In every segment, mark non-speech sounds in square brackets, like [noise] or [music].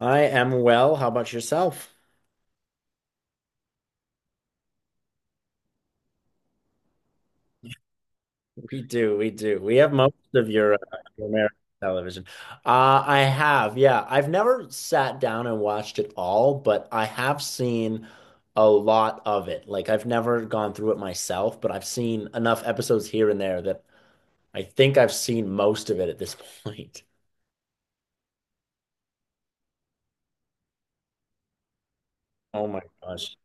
I am well. How about yourself? We do. We have most of your American television. I have, yeah. I've never sat down and watched it all, but I have seen a lot of it. Like I've never gone through it myself, but I've seen enough episodes here and there that I think I've seen most of it at this point. [laughs] Oh my gosh.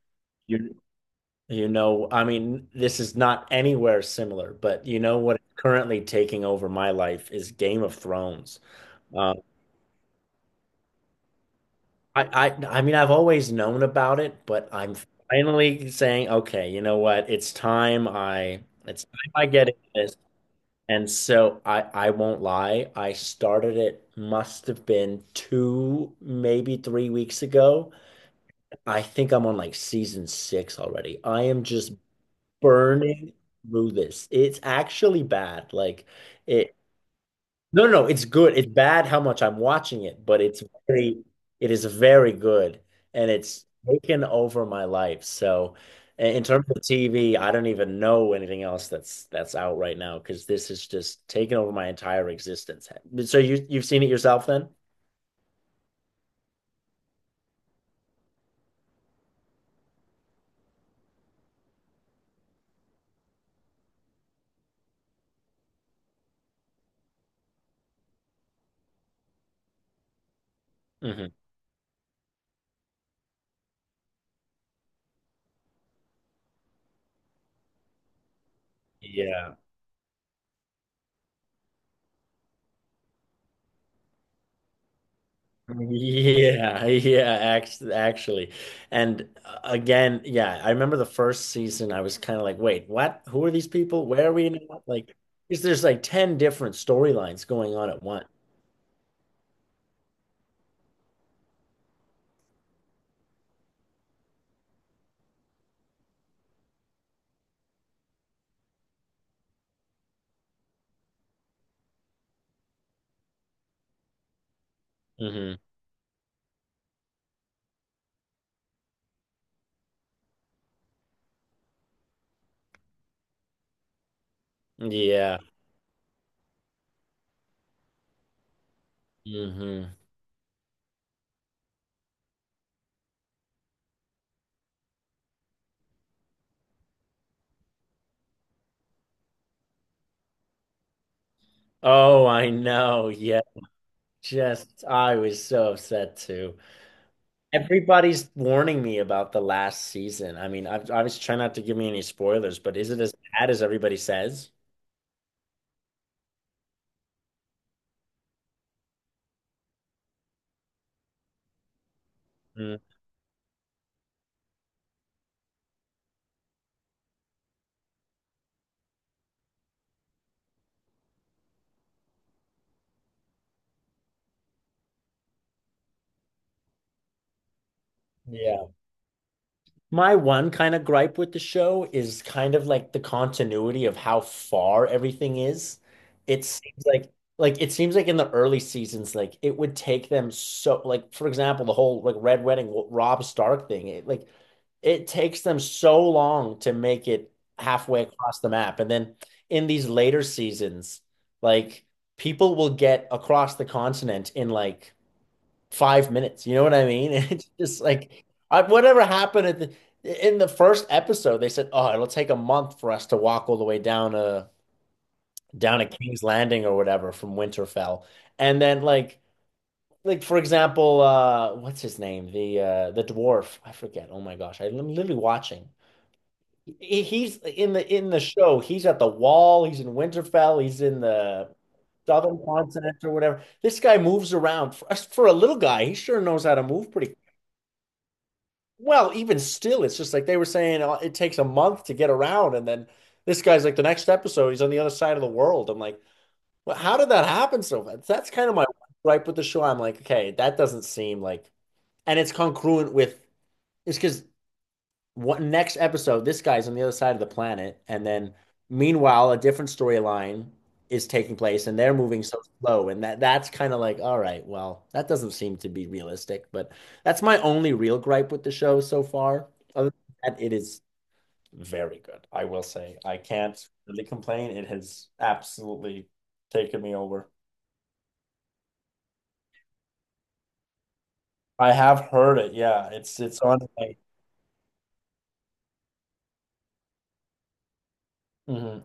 You I mean, this is not anywhere similar, but you know what is currently taking over my life is Game of Thrones. Um, I mean I've always known about it, but I'm finally saying, okay, you know what? It's time I get into this. And so I won't lie, I started it must have been 2, maybe 3 weeks ago. I think I'm on like season 6 already. I am just burning through this. It's actually bad. Like it no, no, no, it's good. It's bad how much I'm watching it, but it is very good, and it's taken over my life. So, in terms of TV, I don't even know anything else that's out right now because this is just taken over my entire existence. So you've seen it yourself then? Hmm. Yeah, [laughs] yeah, actually. And again, yeah, I remember the first season, I was kind of like, wait, what? Who are these people? Where are we now? Like, because there's like 10 different storylines going on at once. Hmm. Yeah. Hmm. Oh, I know. Yeah. Just, I was so upset too. Everybody's warning me about the last season. I mean, I was trying not to give me any spoilers, but is it as bad as everybody says? Mm. Yeah. My one kind of gripe with the show is kind of like the continuity of how far everything is. It seems like it seems like in the early seasons, like it would take them so like for example, the whole like Red Wedding Rob Stark thing, it takes them so long to make it halfway across the map. And then in these later seasons, like people will get across the continent in like 5 minutes. You know what I mean? [laughs] And it's just like I, whatever happened at the in the first episode, they said, "Oh, it'll take a month for us to walk all the way down a down a King's Landing or whatever from Winterfell," and then like. Like for example, what's his name? The dwarf. I forget. Oh my gosh, I'm literally watching. He's in the show. He's at the Wall. He's in Winterfell. He's in the Southern Continent or whatever. This guy moves around for a little guy. He sure knows how to move pretty. Well, even still, it's just like they were saying it takes a month to get around, and then this guy's like the next episode, he's on the other side of the world. I'm like, well, how did that happen so fast? That's kind of my gripe with the show. I'm like, okay, that doesn't seem like, and it's congruent with it's because what next episode, this guy's on the other side of the planet, and then meanwhile, a different storyline is taking place, and they're moving so slow, and that's kind of like, all right, well, that doesn't seem to be realistic, but that's my only real gripe with the show so far. Other than that, it is very good, I will say. I can't really complain. It has absolutely taken me over. I have heard it. Yeah, it's on. Mhm,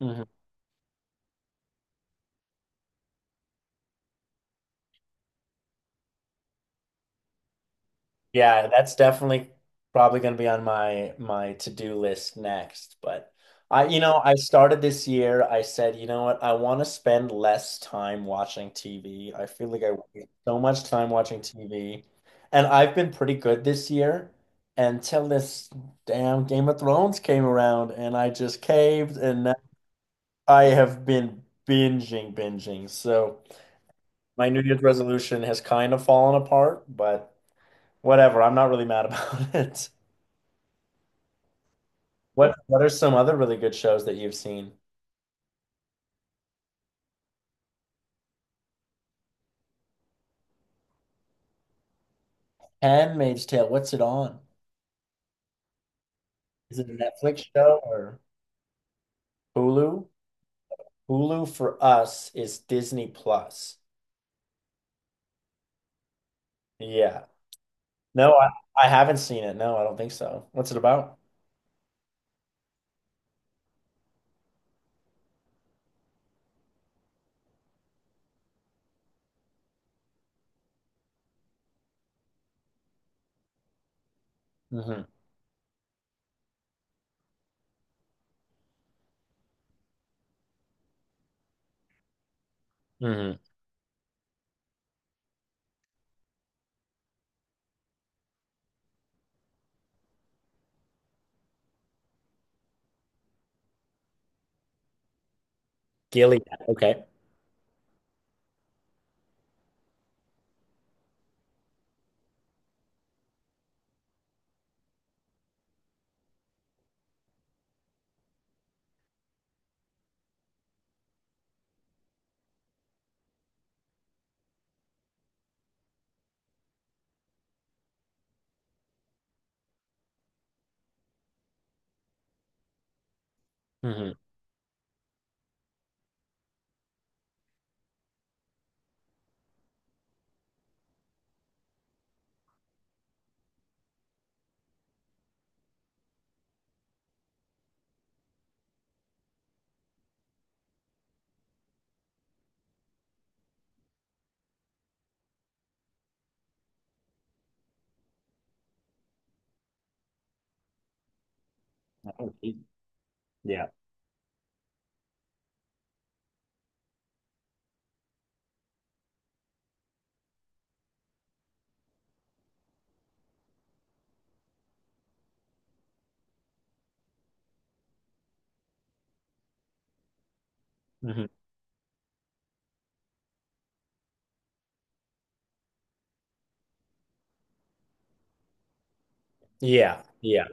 mhm. Yeah, that's definitely probably going to be on my to-do list next. But I, you know, I started this year. I said, you know what? I want to spend less time watching TV. I feel like I waste so much time watching TV, and I've been pretty good this year until this damn Game of Thrones came around, and I just caved, and now I have been binging. So my New Year's resolution has kind of fallen apart, but whatever. I'm not really mad about [laughs] it. What are some other really good shows that you've seen? Handmaid's Tale, what's it on? Is it a Netflix show or Hulu? Hulu for us is Disney Plus. Yeah. No, I haven't seen it. No, I don't think so. What's it about? Mm-hmm. Hmm. Gilead. Okay. Hmm. Yeah. Hmm. Yeah. Yeah.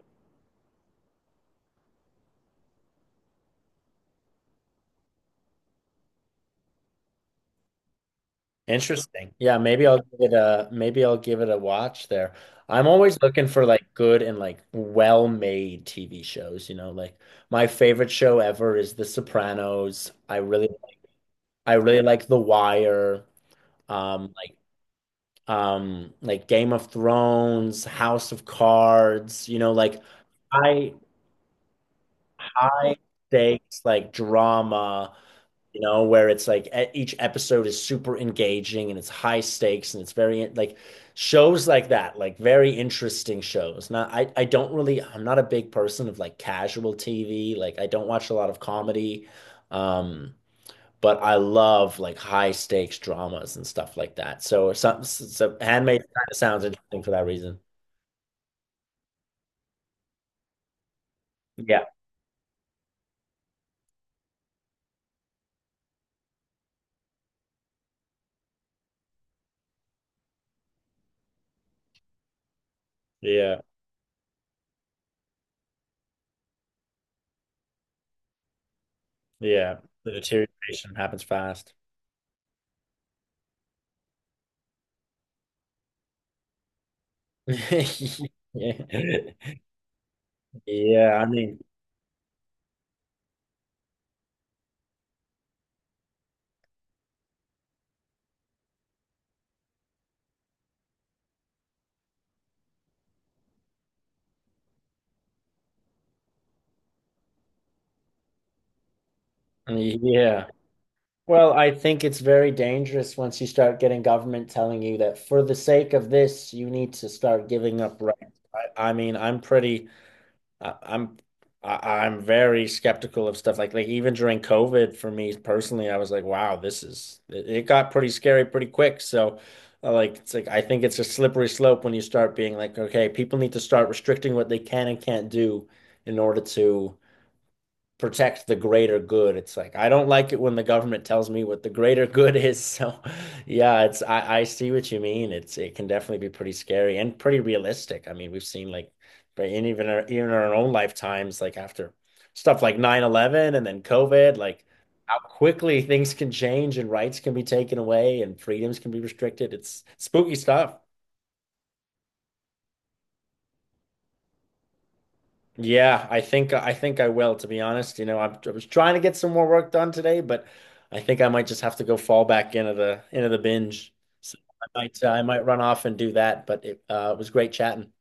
Interesting. Yeah, maybe I'll give it a watch there. I'm always looking for like good and like well-made TV shows, you know, like my favorite show ever is The Sopranos. I really like The Wire, um like like Game of Thrones, House of Cards, you know, like high high stakes like drama. You know, where it's like each episode is super engaging and it's high stakes and it's very like shows like that, like very interesting shows. Not, I don't really, I'm not a big person of like casual TV. Like I don't watch a lot of comedy. Um, but I love like high stakes dramas and stuff like that. So Handmaid kind of sounds interesting for that reason. Yeah. Yeah. Yeah. The deterioration happens fast. [laughs] Yeah. Yeah, I mean, yeah. Well, I think it's very dangerous once you start getting government telling you that for the sake of this, you need to start giving up rights. I mean, I, I'm, I'm very skeptical of stuff like even during COVID for me personally, I was like, wow, it got pretty scary pretty quick. So, it's like I think it's a slippery slope when you start being like, okay, people need to start restricting what they can and can't do in order to protect the greater good. It's like I don't like it when the government tells me what the greater good [laughs] is. So yeah, it's I see what you mean. It's it can definitely be pretty scary and pretty realistic. I mean, we've seen like but even our own lifetimes, like after stuff like 9/11 and then COVID, like how quickly [laughs] things can change and rights can be taken away and freedoms can be restricted. It's spooky stuff. Yeah, I think I will, to be honest. You know, I was trying to get some more work done today, but I think I might just have to go fall back into the binge. So I might run off and do that, but it was great chatting.